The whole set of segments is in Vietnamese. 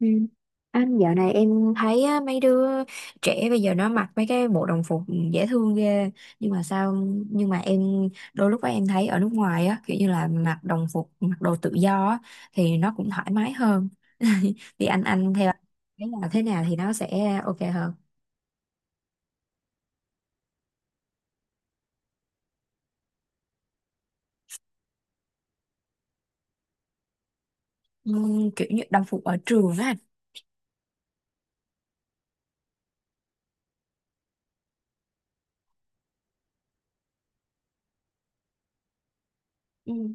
Ừ. Anh dạo này em thấy á, mấy đứa trẻ bây giờ nó mặc mấy cái bộ đồng phục dễ thương ghê nhưng mà sao nhưng mà em đôi lúc á, em thấy ở nước ngoài á kiểu như là mặc đồng phục mặc đồ tự do á, thì nó cũng thoải mái hơn. Thì anh theo cái nào thế nào thì nó sẽ ok hơn. ừ, Kiểu như đồng phục ở trường á anh. Ừ.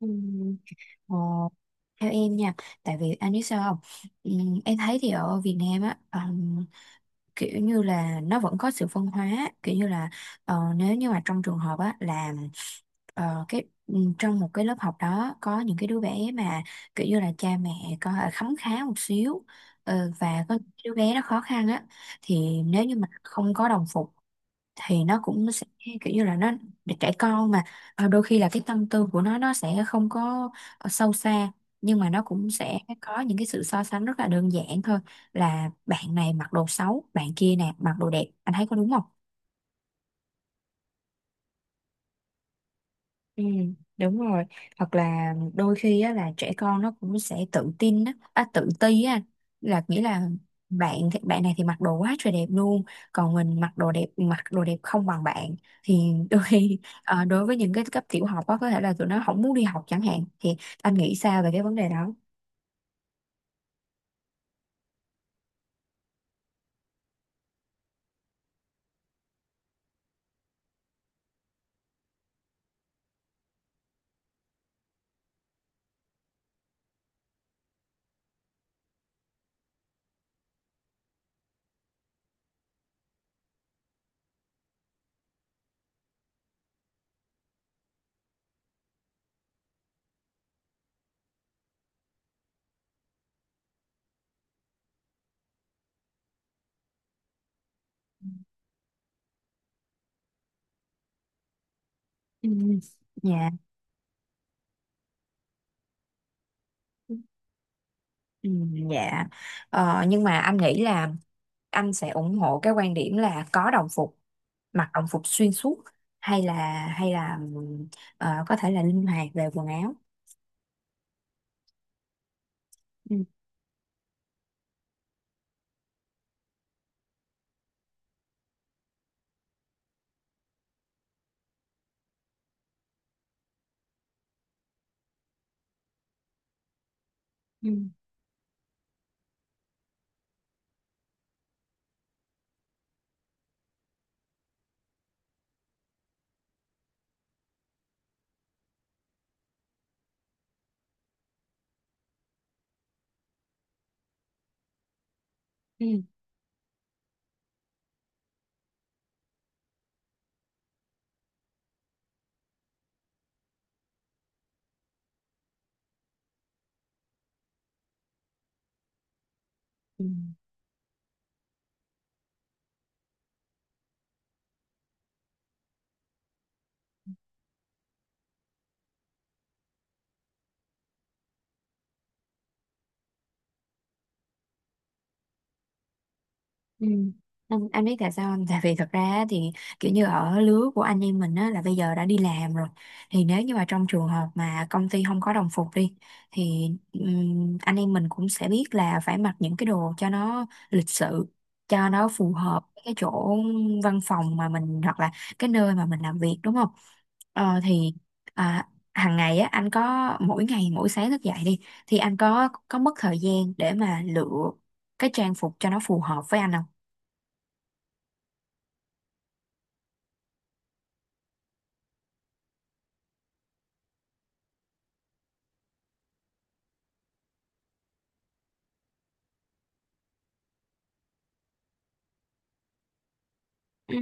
Ừ. Ờ, Theo em nha, tại vì anh biết sao không? ừ, em thấy thì ở Việt Nam á, kiểu như là nó vẫn có sự phân hóa, kiểu như là nếu như mà trong trường hợp á là trong một cái lớp học đó có những cái đứa bé mà kiểu như là cha mẹ có khấm khá một xíu, và có đứa bé nó khó khăn á, thì nếu như mà không có đồng phục thì nó cũng sẽ kiểu như là nó, để trẻ con mà, đôi khi là cái tâm tư của nó sẽ không có sâu xa, nhưng mà nó cũng sẽ có những cái sự so sánh rất là đơn giản thôi, là bạn này mặc đồ xấu bạn kia nè mặc đồ đẹp, anh thấy có đúng không? Ừ, đúng rồi. Hoặc là đôi khi á, là trẻ con nó cũng sẽ tự tin á, à, tự ti á, là nghĩa là bạn bạn này thì mặc đồ quá trời đẹp luôn, còn mình mặc đồ đẹp không bằng bạn, thì đôi khi đối với những cái cấp tiểu học á có thể là tụi nó không muốn đi học chẳng hạn, thì anh nghĩ sao về cái vấn đề đó? Ừ, dạ. Ừ, dạ. Ờ, nhưng mà anh nghĩ là anh sẽ ủng hộ cái quan điểm là có đồng phục, mặc đồng phục xuyên suốt, hay là hay là có thể là linh hoạt về quần áo. Ừ. Ừ. Ừ. Ừ. Ừ. Anh biết tại sao không? Tại vì thật ra á thì kiểu như ở lứa của anh em mình á là bây giờ đã đi làm rồi, thì nếu như mà trong trường hợp mà công ty không có đồng phục đi, thì anh em mình cũng sẽ biết là phải mặc những cái đồ cho nó lịch sự, cho nó phù hợp với cái chỗ văn phòng mà mình hoặc là cái nơi mà mình làm việc, đúng không? Ờ thì à, hàng ngày á anh có mỗi ngày mỗi sáng thức dậy đi, thì anh có mất thời gian để mà lựa cái trang phục cho nó phù hợp với anh không? Ừ,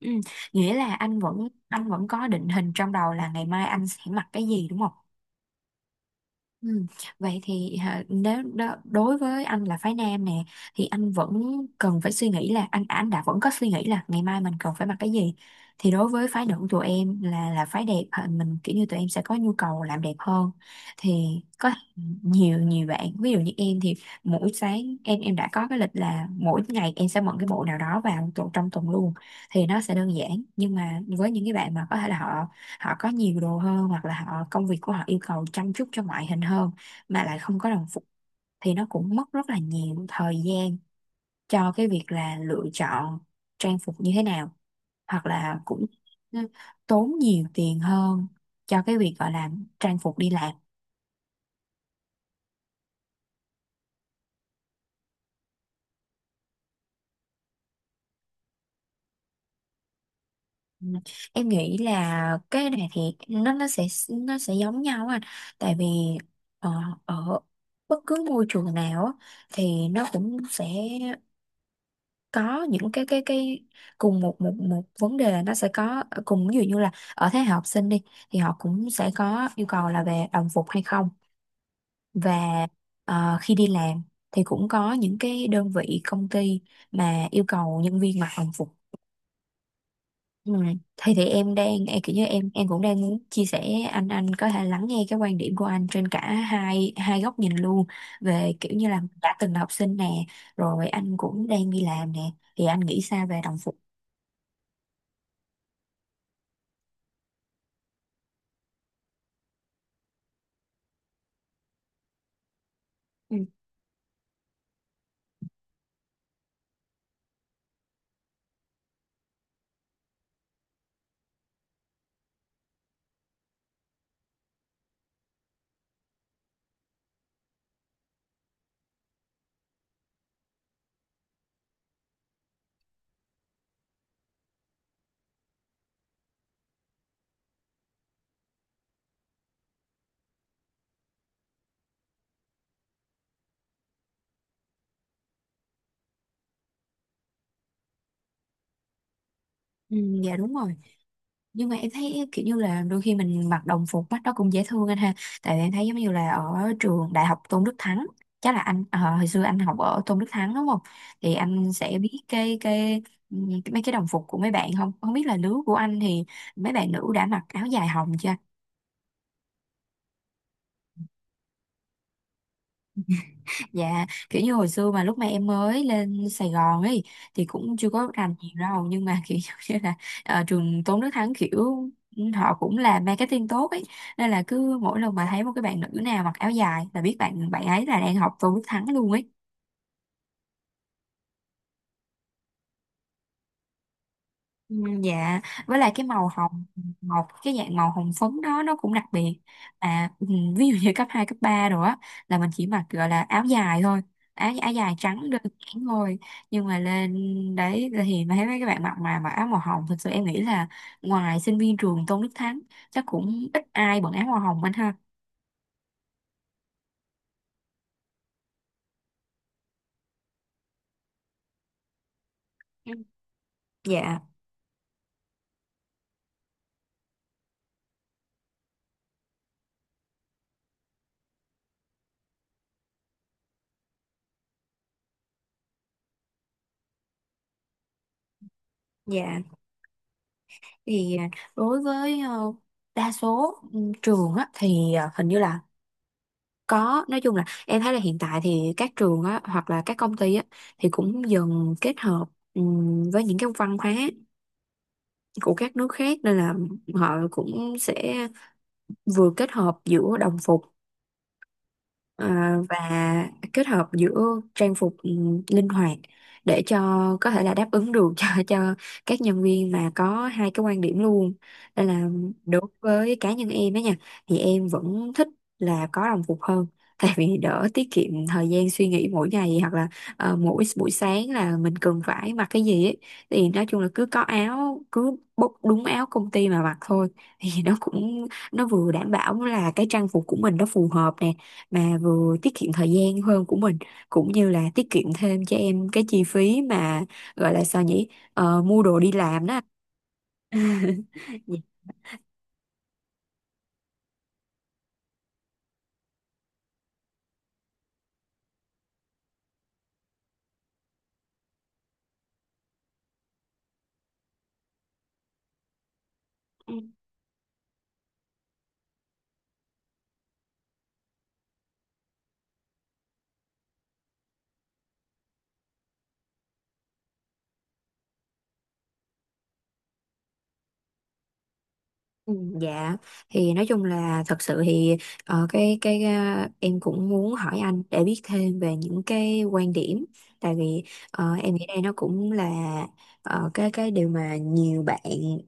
ừ. Nghĩa là anh vẫn có định hình trong đầu là ngày mai anh sẽ mặc cái gì đúng không? Ừ. Vậy thì hả, nếu đó, đối với anh là phái nam nè, thì anh vẫn cần phải suy nghĩ là anh đã vẫn có suy nghĩ là ngày mai mình cần phải mặc cái gì, thì đối với phái nữ của tụi em là phái đẹp hả, mình kiểu như tụi em sẽ có nhu cầu làm đẹp hơn, thì có nhiều nhiều bạn ví dụ như em thì mỗi sáng em đã có cái lịch là mỗi ngày em sẽ mượn cái bộ nào đó vào trong tuần luôn, thì nó sẽ đơn giản, nhưng mà với những cái bạn mà có thể là họ họ có nhiều đồ hơn hoặc là họ công việc của họ yêu cầu chăm chút cho ngoại hình hơn mà lại không có đồng phục, thì nó cũng mất rất là nhiều thời gian cho cái việc là lựa chọn trang phục như thế nào, hoặc là cũng ừ, tốn nhiều tiền hơn cho cái việc gọi là trang phục đi làm. Ừ. Em nghĩ là cái này thì nó sẽ giống nhau anh, tại vì ờ, ở bất cứ môi trường nào á, thì nó cũng sẽ có những cái cùng một một một vấn đề là nó sẽ có cùng ví dụ như là ở thế hệ học sinh đi, thì họ cũng sẽ có yêu cầu là về đồng phục hay không, và khi đi làm thì cũng có những cái đơn vị công ty mà yêu cầu nhân viên mặc đồng phục. Ừ. thì em đang em kiểu như em cũng đang muốn chia sẻ, anh có thể lắng nghe cái quan điểm của anh trên cả hai hai góc nhìn luôn, về kiểu như là đã từng là học sinh nè, rồi anh cũng đang đi làm nè, thì anh nghĩ sao về đồng phục? Ừ. Ừ, dạ đúng rồi. Nhưng mà em thấy kiểu như là đôi khi mình mặc đồng phục mắt đó cũng dễ thương anh ha, tại vì em thấy giống như là ở trường đại học Tôn Đức Thắng, chắc là anh hồi xưa anh học ở Tôn Đức Thắng đúng không, thì anh sẽ biết cái ừ, mấy cái đồng phục của mấy bạn, không không biết là lứa của anh thì mấy bạn nữ đã mặc áo dài hồng chưa? Dạ, kiểu như hồi xưa mà lúc mà em mới lên Sài Gòn ấy, thì cũng chưa có rành nhiều đâu, nhưng mà kiểu như là trường Tôn Đức Thắng kiểu họ cũng làm marketing tốt ấy, nên là cứ mỗi lần mà thấy một cái bạn nữ nào mặc áo dài là biết bạn bạn ấy là đang học Tôn Đức Thắng luôn ấy. Ừ, dạ. Với lại cái màu hồng, một cái dạng màu hồng phấn đó nó cũng đặc biệt. à ừ, Ví dụ như cấp 2 cấp 3 rồi á là mình chỉ mặc gọi là áo dài thôi, áo áo dài trắng đơn giản thôi, nhưng mà lên đấy thì mà thấy mấy các bạn mặc mà mặc áo màu hồng, thực sự em nghĩ là ngoài sinh viên trường Tôn Đức Thắng chắc cũng ít ai bận áo màu hồng anh ha. Ừ. Dạ. Dạ. Thì đối với đa số trường á thì à, hình như là có, nói chung là em thấy là hiện tại thì các trường á, hoặc là các công ty á, thì cũng dần kết hợp với những cái văn hóa của các nước khác, nên là họ cũng sẽ vừa kết hợp giữa đồng phục, Ờ, và kết hợp giữa trang phục linh hoạt để cho có thể là đáp ứng được cho cho các nhân viên mà có hai cái quan điểm luôn, nên là đối với cá nhân em á nha, thì em vẫn thích là có đồng phục hơn, tại vì đỡ, tiết kiệm thời gian suy nghĩ mỗi ngày, hoặc là mỗi buổi sáng là mình cần phải mặc cái gì ấy, thì nói chung là cứ có áo cứ bốc đúng áo công ty mà mặc thôi, thì nó cũng nó vừa đảm bảo là cái trang phục của mình nó phù hợp nè, mà vừa tiết kiệm thời gian hơn của mình, cũng như là tiết kiệm thêm cho em cái chi phí mà gọi là sao nhỉ, Ờ, mua đồ đi làm đó. Dạ. Ừ, dạ. Thì nói chung là thật sự thì em cũng muốn hỏi anh để biết thêm về những cái quan điểm, tại vì em nghĩ đây nó cũng là cái điều mà nhiều bạn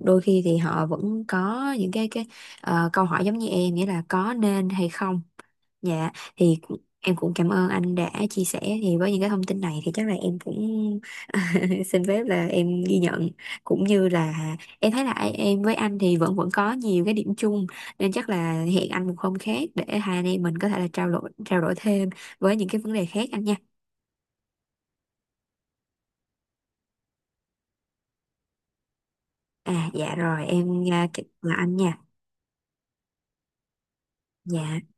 đôi khi thì họ vẫn có những câu hỏi giống như em, nghĩa là có nên hay không. Dạ. Thì em cũng cảm ơn anh đã chia sẻ, thì với những cái thông tin này thì chắc là em cũng xin phép là em ghi nhận, cũng như là em thấy là em với anh thì vẫn vẫn có nhiều cái điểm chung, nên chắc là hẹn anh một hôm khác để hai anh em mình có thể là trao đổi thêm với những cái vấn đề khác anh nha. À dạ rồi em chào anh nha. Dạ.